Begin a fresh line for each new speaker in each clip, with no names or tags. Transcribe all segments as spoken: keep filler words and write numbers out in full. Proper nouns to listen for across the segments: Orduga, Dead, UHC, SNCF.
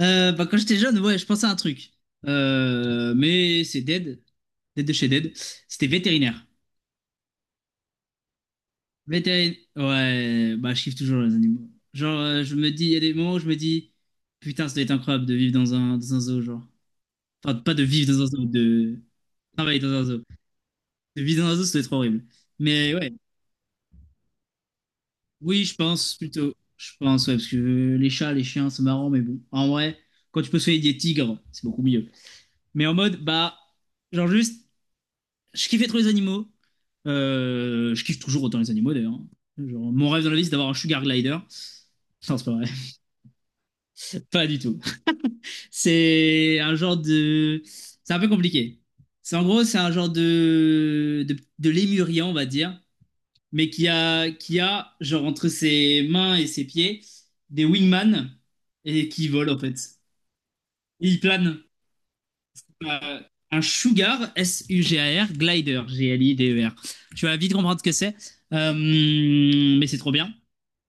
Euh, bah, quand j'étais jeune, ouais, je pensais à un truc. Euh, mais c'est Dead. Dead de chez Dead. C'était vétérinaire. Vétérinaire. Ouais, bah, je kiffe toujours les animaux. Genre, euh, je me dis, il y a des moments où je me dis, putain, ça doit être incroyable de vivre dans un, dans un zoo, genre. Enfin, pas de vivre dans un zoo, de travailler dans un zoo. De vivre dans un zoo, ça doit être horrible. Mais ouais, oui, je pense plutôt. Je pense, ouais, parce que les chats, les chiens, c'est marrant, mais bon. En vrai, quand tu peux soigner des tigres, c'est beaucoup mieux. Mais en mode, bah, genre juste. Je kiffais trop les animaux. Euh, je kiffe toujours autant les animaux d'ailleurs. Genre, mon rêve dans la vie, c'est d'avoir un sugar glider. Non, c'est pas vrai. Pas du tout. C'est un genre de. C'est un peu compliqué. C'est en gros, c'est un genre de... de de lémurien, on va dire, mais qui a qui a genre entre ses mains et ses pieds des wingman et qui vole en fait. Et il plane. euh, un Sugar, S-U-G-A-R, Glider, G-L-I-D-E-R. G L I D E R. Tu vas vite comprendre ce que c'est. Euh, mais c'est trop bien.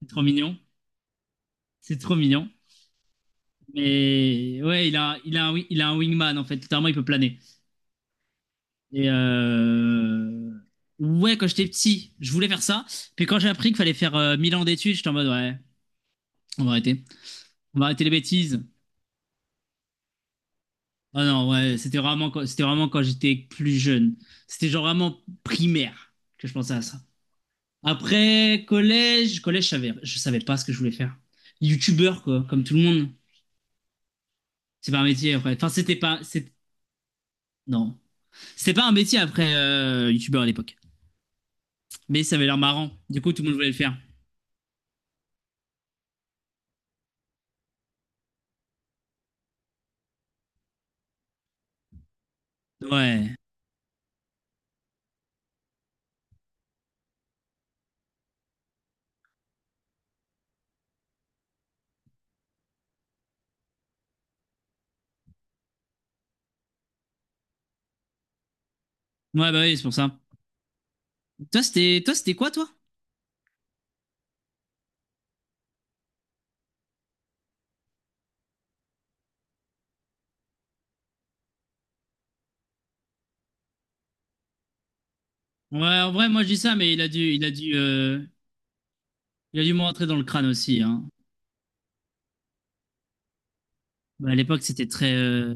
C'est trop mignon. C'est trop mignon. Mais ouais, il a, il, a un, wi- il a un wingman en fait. Littéralement, il peut planer. Et euh, ouais, quand j'étais petit, je voulais faire ça. Puis quand j'ai appris qu'il fallait faire euh, 1000 ans d'études, j'étais en mode ouais, on va arrêter. On va arrêter les bêtises. Ah non, ouais, c'était vraiment, quand- c'était vraiment quand j'étais plus jeune. C'était genre vraiment primaire que je pensais à ça. Après, collège, collège, je savais, je savais pas ce que je voulais faire. Youtubeur, quoi, comme tout le monde. C'est pas un métier après. Enfin, c'était pas. C'est- Non. C'était pas un métier après euh, youtubeur à l'époque. Mais ça avait l'air marrant. Du coup, tout le monde voulait le faire. Ouais. Ouais, bah oui, c'est pour ça. Toi, c'était toi, c'était quoi, toi? Ouais, en vrai, moi, je dis ça, mais il a dû, il a dû, euh, il a dû me rentrer dans le crâne aussi, hein. Bah, à l'époque, c'était très. euh,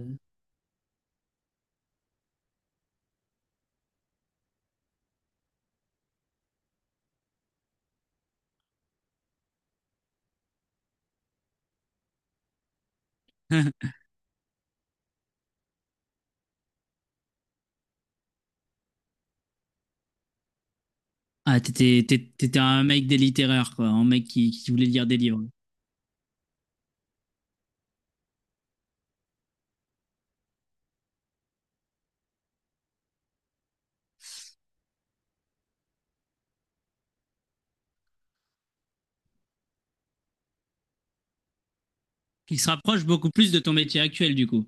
Ah, t'étais, t'étais t'étais un mec des littéraires, quoi. Un mec qui, qui voulait lire des livres. Qui se rapproche beaucoup plus de ton métier actuel, du coup.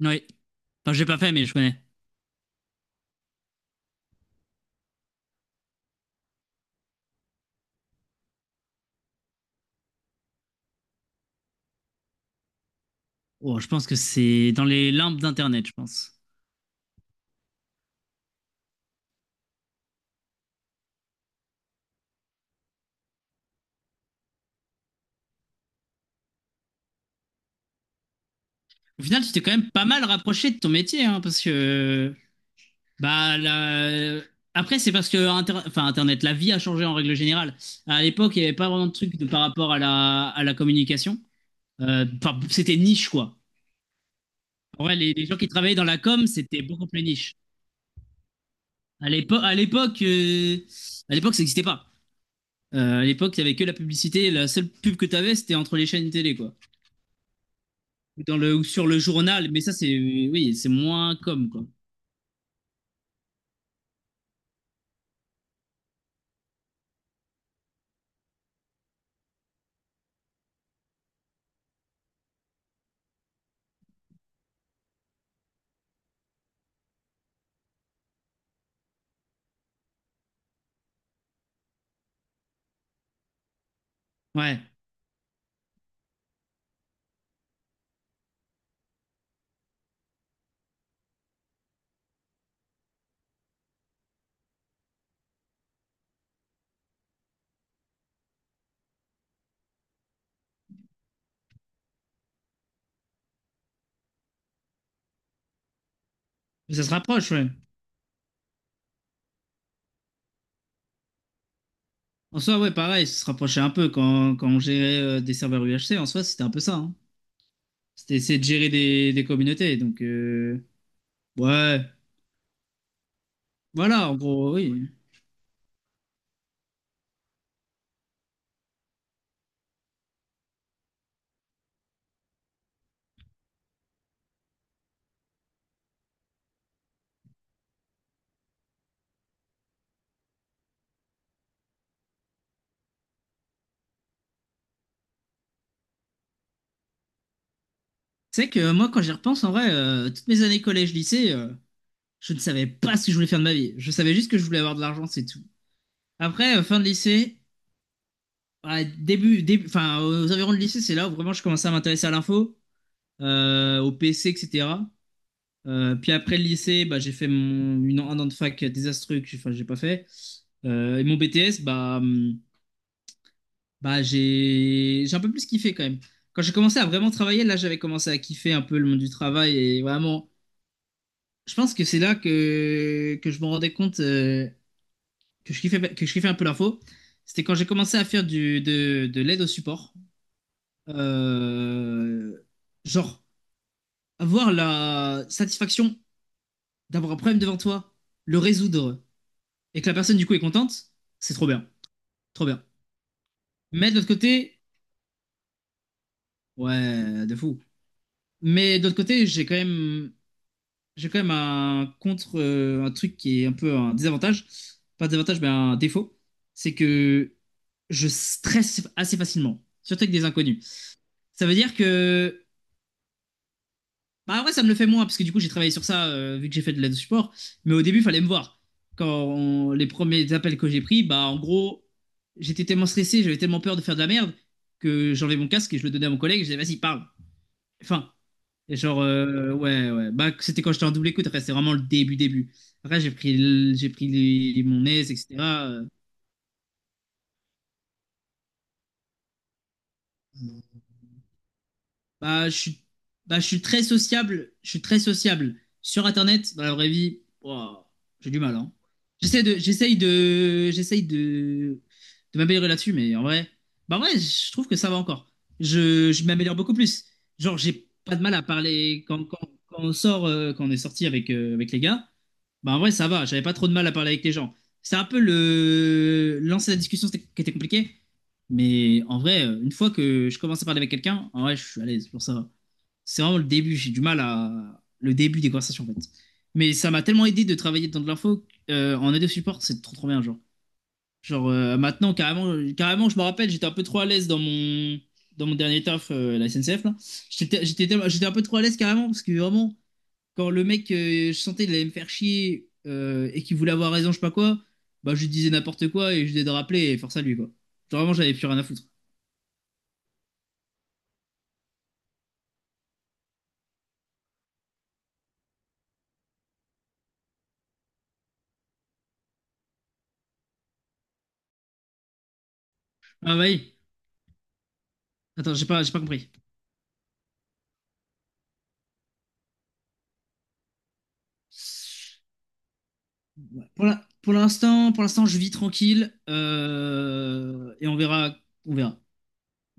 Oui. Enfin, j'ai pas fait, mais je connais. Oh, je pense que c'est dans les limbes d'Internet, je pense. Au final, tu t'es quand même pas mal rapproché de ton métier, hein, parce que bah la- après, c'est parce que Inter- enfin, Internet, la vie a changé en règle générale. À l'époque, il n'y avait pas vraiment de truc de, par rapport à la, à la communication. Euh, enfin, c'était niche, quoi. En vrai, les, les gens qui travaillaient dans la com, c'était beaucoup plus niche. À l'époque, à l'époque, euh, à l'époque, ça n'existait pas. Euh, à l'époque, il n'y avait que la publicité. La seule pub que tu avais, c'était entre les chaînes télé, quoi. Ou dans le, ou sur le journal, mais ça, c'est oui, c'est moins comme, quoi. Ouais, mais ça se rapproche, ouais. En soi, ouais, pareil, ça se rapprochait un peu quand, quand on gérait euh, des serveurs U H C, en soi, c'était un peu ça, hein. C'était essayer de gérer des, des communautés, donc euh, ouais, voilà, en gros, oui. C'est vrai que moi, quand j'y repense, en vrai, euh, toutes mes années collège-lycée, euh, je ne savais pas ce que je voulais faire de ma vie. Je savais juste que je voulais avoir de l'argent, c'est tout. Après, euh, fin de lycée, ouais, début, début, enfin, aux environs de lycée, c'est là où vraiment je commençais à m'intéresser à l'info. Euh, au P C, et cetera. Euh, puis après le lycée, bah, j'ai fait mon, une, un an de fac désastreux que j'ai enfin, j'ai pas fait. Euh, et mon B T S, bah, hum, bah, j'ai j'ai un peu plus kiffé quand même. Quand j'ai commencé à vraiment travailler, là j'avais commencé à kiffer un peu le monde du travail et vraiment, je pense que c'est là que, que je me rendais compte euh, que je kiffais, que je kiffais un peu l'info. C'était quand j'ai commencé à faire du, de, de l'aide au support. Euh, genre, avoir la satisfaction d'avoir un problème devant toi, le résoudre, et que la personne du coup est contente, c'est trop bien. Trop bien. Mais de l'autre côté, ouais, de fou. Mais de l'autre côté, j'ai quand même, j'ai quand même un contre, euh, un truc qui est un peu un désavantage. Pas un désavantage, mais un défaut. C'est que je stresse assez facilement, surtout avec des inconnus. Ça veut dire que bah ouais, ça me le fait moins, parce que du coup, j'ai travaillé sur ça, euh, vu que j'ai fait de l'aide au support. Mais au début, il fallait me voir. Quand on- les premiers appels que j'ai pris, bah en gros, j'étais tellement stressé, j'avais tellement peur de faire de la merde, que j'enlevais mon casque et je le donnais à mon collègue, et je disais, vas-y, parle. Enfin, et genre, euh, ouais, ouais. Bah, c'était quand j'étais en double écoute, après, c'était vraiment le début, début. Après, j'ai pris, le- j'ai pris les- mon aise, et cetera euh, Bah, je suis, bah, je suis très sociable. Je suis très sociable. Sur Internet, dans la vraie vie, ouah, j'ai du mal, hein. J'essaie de, j'essaye de, j'essaye de, de m'améliorer là-dessus, mais en vrai, bah ouais, je trouve que ça va encore. Je, je m'améliore beaucoup plus. Genre, j'ai pas de mal à parler quand, quand, quand on sort, euh, quand on est sorti avec, euh, avec les gars. Bah, en vrai, ça va, j'avais pas trop de mal à parler avec les gens. C'est un peu le lancer la discussion c'était- qui était compliqué, mais en vrai, euh, une fois que je commence à parler avec quelqu'un, en vrai, je suis à l'aise pour ça. C'est vraiment le début, j'ai du mal à le début des conversations en fait. Mais ça m'a tellement aidé de travailler dans de l'info euh, en aide au support, c'est trop trop bien genre. Genre euh, maintenant carrément carrément, je me rappelle, j'étais un peu trop à l'aise dans mon dans mon dernier taf euh, à la S N C F là. J'étais j'étais tellement- j'étais un peu trop à l'aise carrément parce que vraiment quand le mec, euh, je sentais qu'il allait me faire chier euh, et qu'il voulait avoir raison, je sais pas quoi, bah je lui disais n'importe quoi et je lui disais de rappeler et force à lui, quoi. Genre, vraiment, j'avais plus rien à foutre. Ah oui. Attends, j'ai pas, j'ai pas compris. Ouais. Pour la- pour l'instant, pour l'instant, je vis tranquille euh, et on verra, on verra.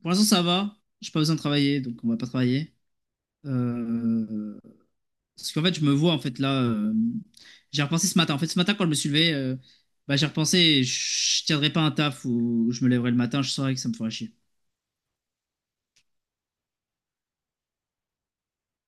Pour l'instant, ça va. J'ai pas besoin de travailler, donc on va pas travailler. Euh, Parce qu'en fait, je me vois, en fait, là, euh, j'ai repensé ce matin. En fait, ce matin, quand je me suis levé, euh, bah, j'ai repensé, je, je tiendrais pas un taf où je me lèverais le matin, je saurais que ça me ferait chier.